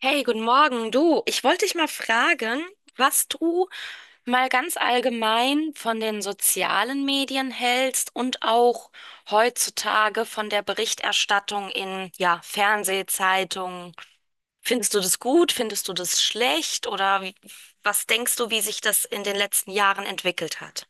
Hey, guten Morgen. Du, ich wollte dich mal fragen, was du mal ganz allgemein von den sozialen Medien hältst und auch heutzutage von der Berichterstattung in, ja, Fernsehzeitungen. Findest du das gut? Findest du das schlecht? Oder wie, was denkst du, wie sich das in den letzten Jahren entwickelt hat?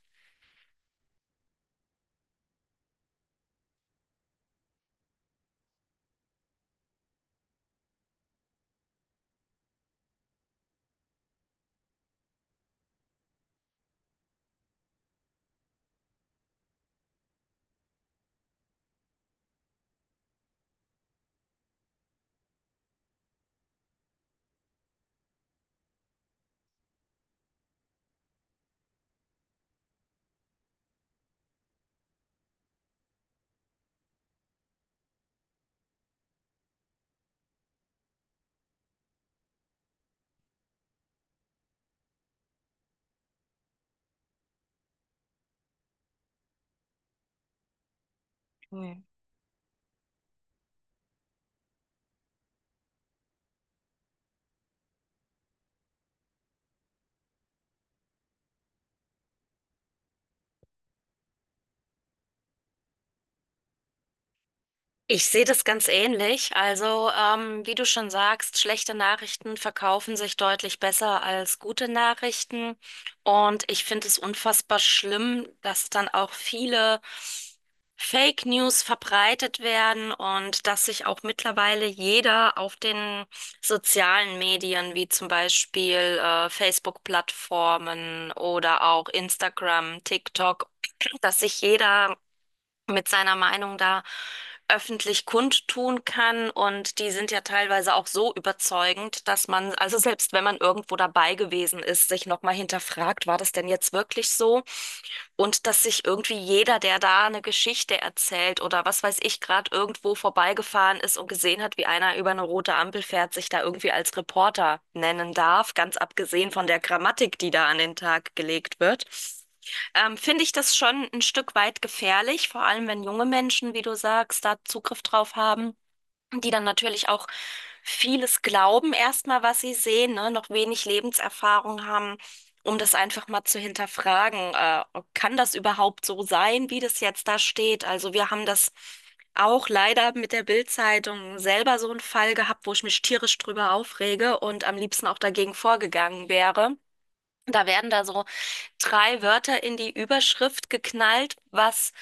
Ich sehe das ganz ähnlich. Also, wie du schon sagst, schlechte Nachrichten verkaufen sich deutlich besser als gute Nachrichten. Und ich finde es unfassbar schlimm, dass dann auch viele Fake News verbreitet werden und dass sich auch mittlerweile jeder auf den sozialen Medien, wie zum Beispiel Facebook-Plattformen oder auch Instagram, TikTok, dass sich jeder mit seiner Meinung da öffentlich kundtun kann. Und die sind ja teilweise auch so überzeugend, dass man, also selbst wenn man irgendwo dabei gewesen ist, sich nochmal hinterfragt, war das denn jetzt wirklich so? Und dass sich irgendwie jeder, der da eine Geschichte erzählt oder was weiß ich, gerade irgendwo vorbeigefahren ist und gesehen hat, wie einer über eine rote Ampel fährt, sich da irgendwie als Reporter nennen darf, ganz abgesehen von der Grammatik, die da an den Tag gelegt wird. Finde ich das schon ein Stück weit gefährlich, vor allem wenn junge Menschen, wie du sagst, da Zugriff drauf haben, die dann natürlich auch vieles glauben, erstmal, was sie sehen, ne? Noch wenig Lebenserfahrung haben, um das einfach mal zu hinterfragen. Kann das überhaupt so sein, wie das jetzt da steht? Also wir haben das auch leider mit der Bild-Zeitung selber so einen Fall gehabt, wo ich mich tierisch drüber aufrege und am liebsten auch dagegen vorgegangen wäre. Da werden da so drei Wörter in die Überschrift geknallt, was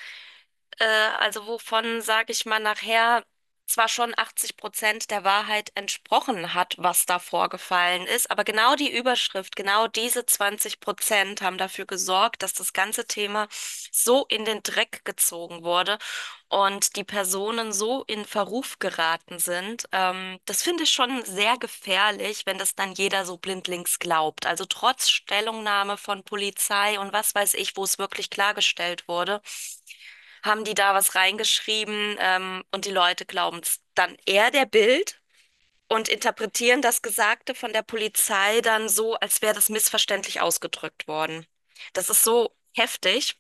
äh, also wovon, sage ich mal, nachher zwar schon 80% der Wahrheit entsprochen hat, was da vorgefallen ist, aber genau die Überschrift, genau diese 20% haben dafür gesorgt, dass das ganze Thema so in den Dreck gezogen wurde und die Personen so in Verruf geraten sind. Das finde ich schon sehr gefährlich, wenn das dann jeder so blindlings glaubt. Also trotz Stellungnahme von Polizei und was weiß ich, wo es wirklich klargestellt wurde, haben die da was reingeschrieben, und die Leute glauben es dann eher der Bild und interpretieren das Gesagte von der Polizei dann so, als wäre das missverständlich ausgedrückt worden. Das ist so heftig.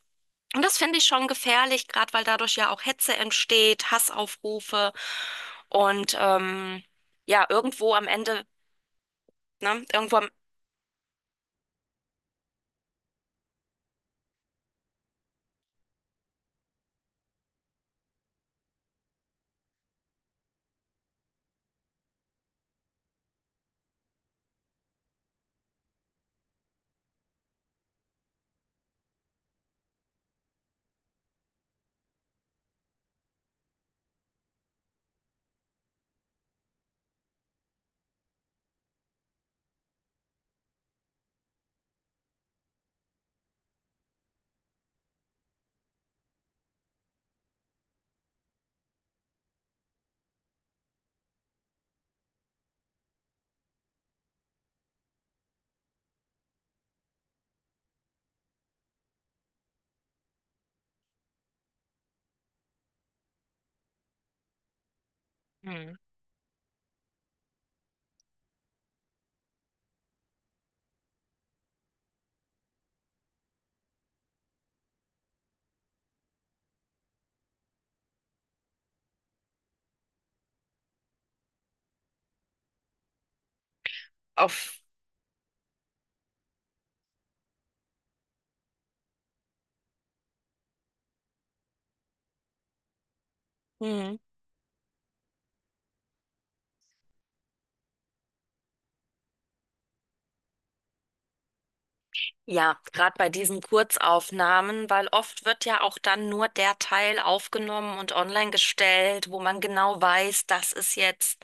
Und das finde ich schon gefährlich, gerade weil dadurch ja auch Hetze entsteht, Hassaufrufe und ja, irgendwo am Ende, ne, irgendwo am, Hm. auf Hm. Ja, gerade bei diesen Kurzaufnahmen, weil oft wird ja auch dann nur der Teil aufgenommen und online gestellt, wo man genau weiß, das ist jetzt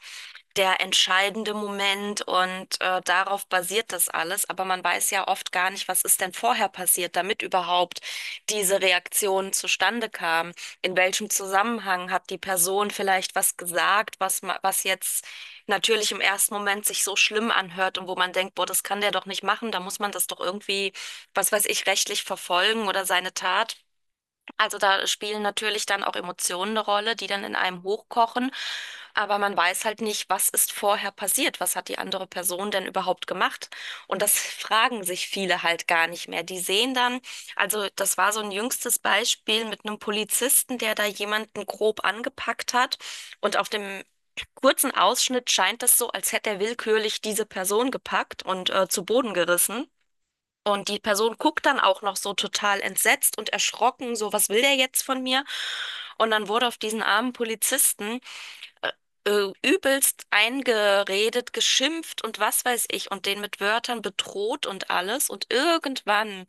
der entscheidende Moment und darauf basiert das alles. Aber man weiß ja oft gar nicht, was ist denn vorher passiert, damit überhaupt diese Reaktion zustande kam. In welchem Zusammenhang hat die Person vielleicht was gesagt, was jetzt natürlich im ersten Moment sich so schlimm anhört und wo man denkt, boah, das kann der doch nicht machen, da muss man das doch irgendwie, was weiß ich, rechtlich verfolgen oder seine Tat. Also da spielen natürlich dann auch Emotionen eine Rolle, die dann in einem hochkochen. Aber man weiß halt nicht, was ist vorher passiert? Was hat die andere Person denn überhaupt gemacht? Und das fragen sich viele halt gar nicht mehr. Die sehen dann, also das war so ein jüngstes Beispiel mit einem Polizisten, der da jemanden grob angepackt hat. Und auf dem kurzen Ausschnitt scheint es so, als hätte er willkürlich diese Person gepackt und zu Boden gerissen. Und die Person guckt dann auch noch so total entsetzt und erschrocken, so, was will der jetzt von mir? Und dann wurde auf diesen armen Polizisten übelst eingeredet, geschimpft und was weiß ich und den mit Wörtern bedroht und alles. Und irgendwann,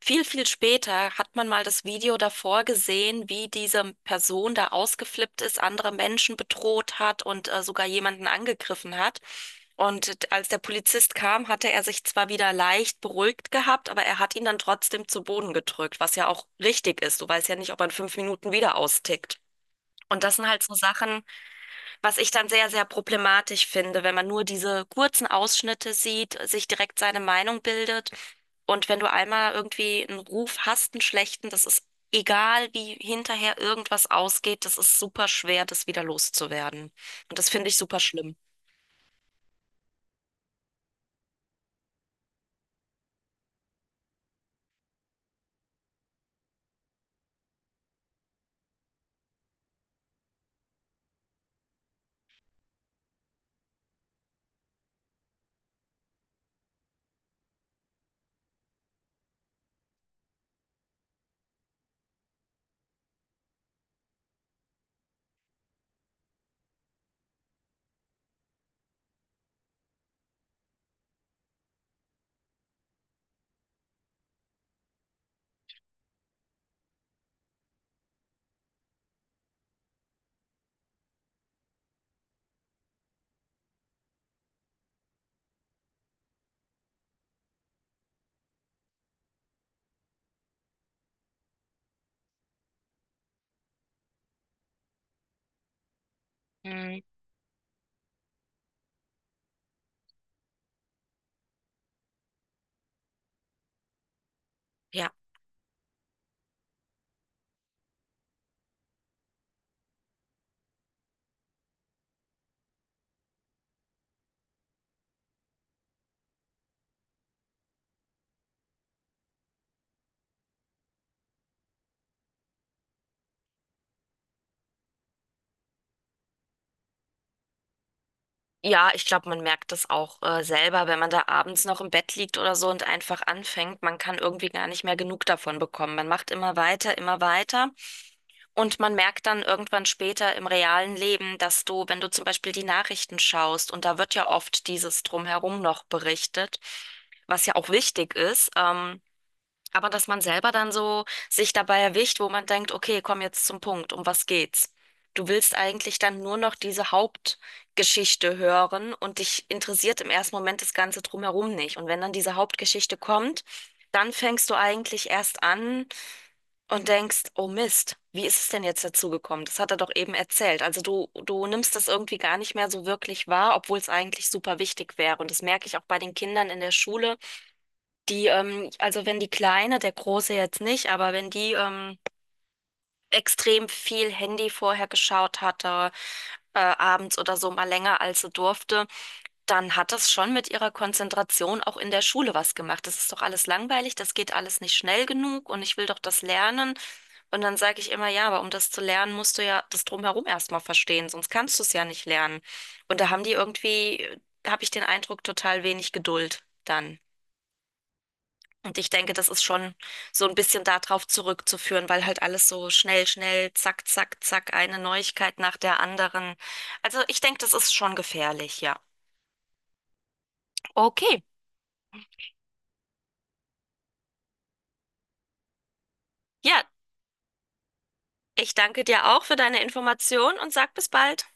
viel, viel später, hat man mal das Video davor gesehen, wie diese Person da ausgeflippt ist, andere Menschen bedroht hat und sogar jemanden angegriffen hat. Und als der Polizist kam, hatte er sich zwar wieder leicht beruhigt gehabt, aber er hat ihn dann trotzdem zu Boden gedrückt, was ja auch richtig ist. Du weißt ja nicht, ob er in 5 Minuten wieder austickt. Und das sind halt so Sachen, was ich dann sehr, sehr problematisch finde, wenn man nur diese kurzen Ausschnitte sieht, sich direkt seine Meinung bildet. Und wenn du einmal irgendwie einen Ruf hast, einen schlechten, das ist egal, wie hinterher irgendwas ausgeht, das ist super schwer, das wieder loszuwerden. Und das finde ich super schlimm. Mhm. Ja. Ja, ich glaube, man merkt das auch selber, wenn man da abends noch im Bett liegt oder so und einfach anfängt. Man kann irgendwie gar nicht mehr genug davon bekommen. Man macht immer weiter, immer weiter. Und man merkt dann irgendwann später im realen Leben, dass du, wenn du zum Beispiel die Nachrichten schaust, und da wird ja oft dieses Drumherum noch berichtet, was ja auch wichtig ist, aber dass man selber dann so sich dabei erwischt, wo man denkt, okay, komm jetzt zum Punkt, um was geht's? Du willst eigentlich dann nur noch diese Hauptgeschichte hören und dich interessiert im ersten Moment das Ganze drumherum nicht. Und wenn dann diese Hauptgeschichte kommt, dann fängst du eigentlich erst an, und denkst, oh Mist, wie ist es denn jetzt dazu gekommen? Das hat er doch eben erzählt. Also du nimmst das irgendwie gar nicht mehr so wirklich wahr, obwohl es eigentlich super wichtig wäre. Und das merke ich auch bei den Kindern in der Schule, die, also wenn die Kleine, der Große jetzt nicht, aber wenn die, extrem viel Handy vorher geschaut hatte, abends oder so mal länger als sie durfte, dann hat das schon mit ihrer Konzentration auch in der Schule was gemacht. Das ist doch alles langweilig, das geht alles nicht schnell genug und ich will doch das lernen. Und dann sage ich immer, ja, aber um das zu lernen, musst du ja das Drumherum erstmal verstehen, sonst kannst du es ja nicht lernen. Und da haben die irgendwie, habe ich den Eindruck, total wenig Geduld dann. Und ich denke, das ist schon so ein bisschen darauf zurückzuführen, weil halt alles so schnell, schnell, zack, zack, zack, eine Neuigkeit nach der anderen. Also ich denke, das ist schon gefährlich, ja. Okay, ja, ich danke dir auch für deine Information und sag bis bald.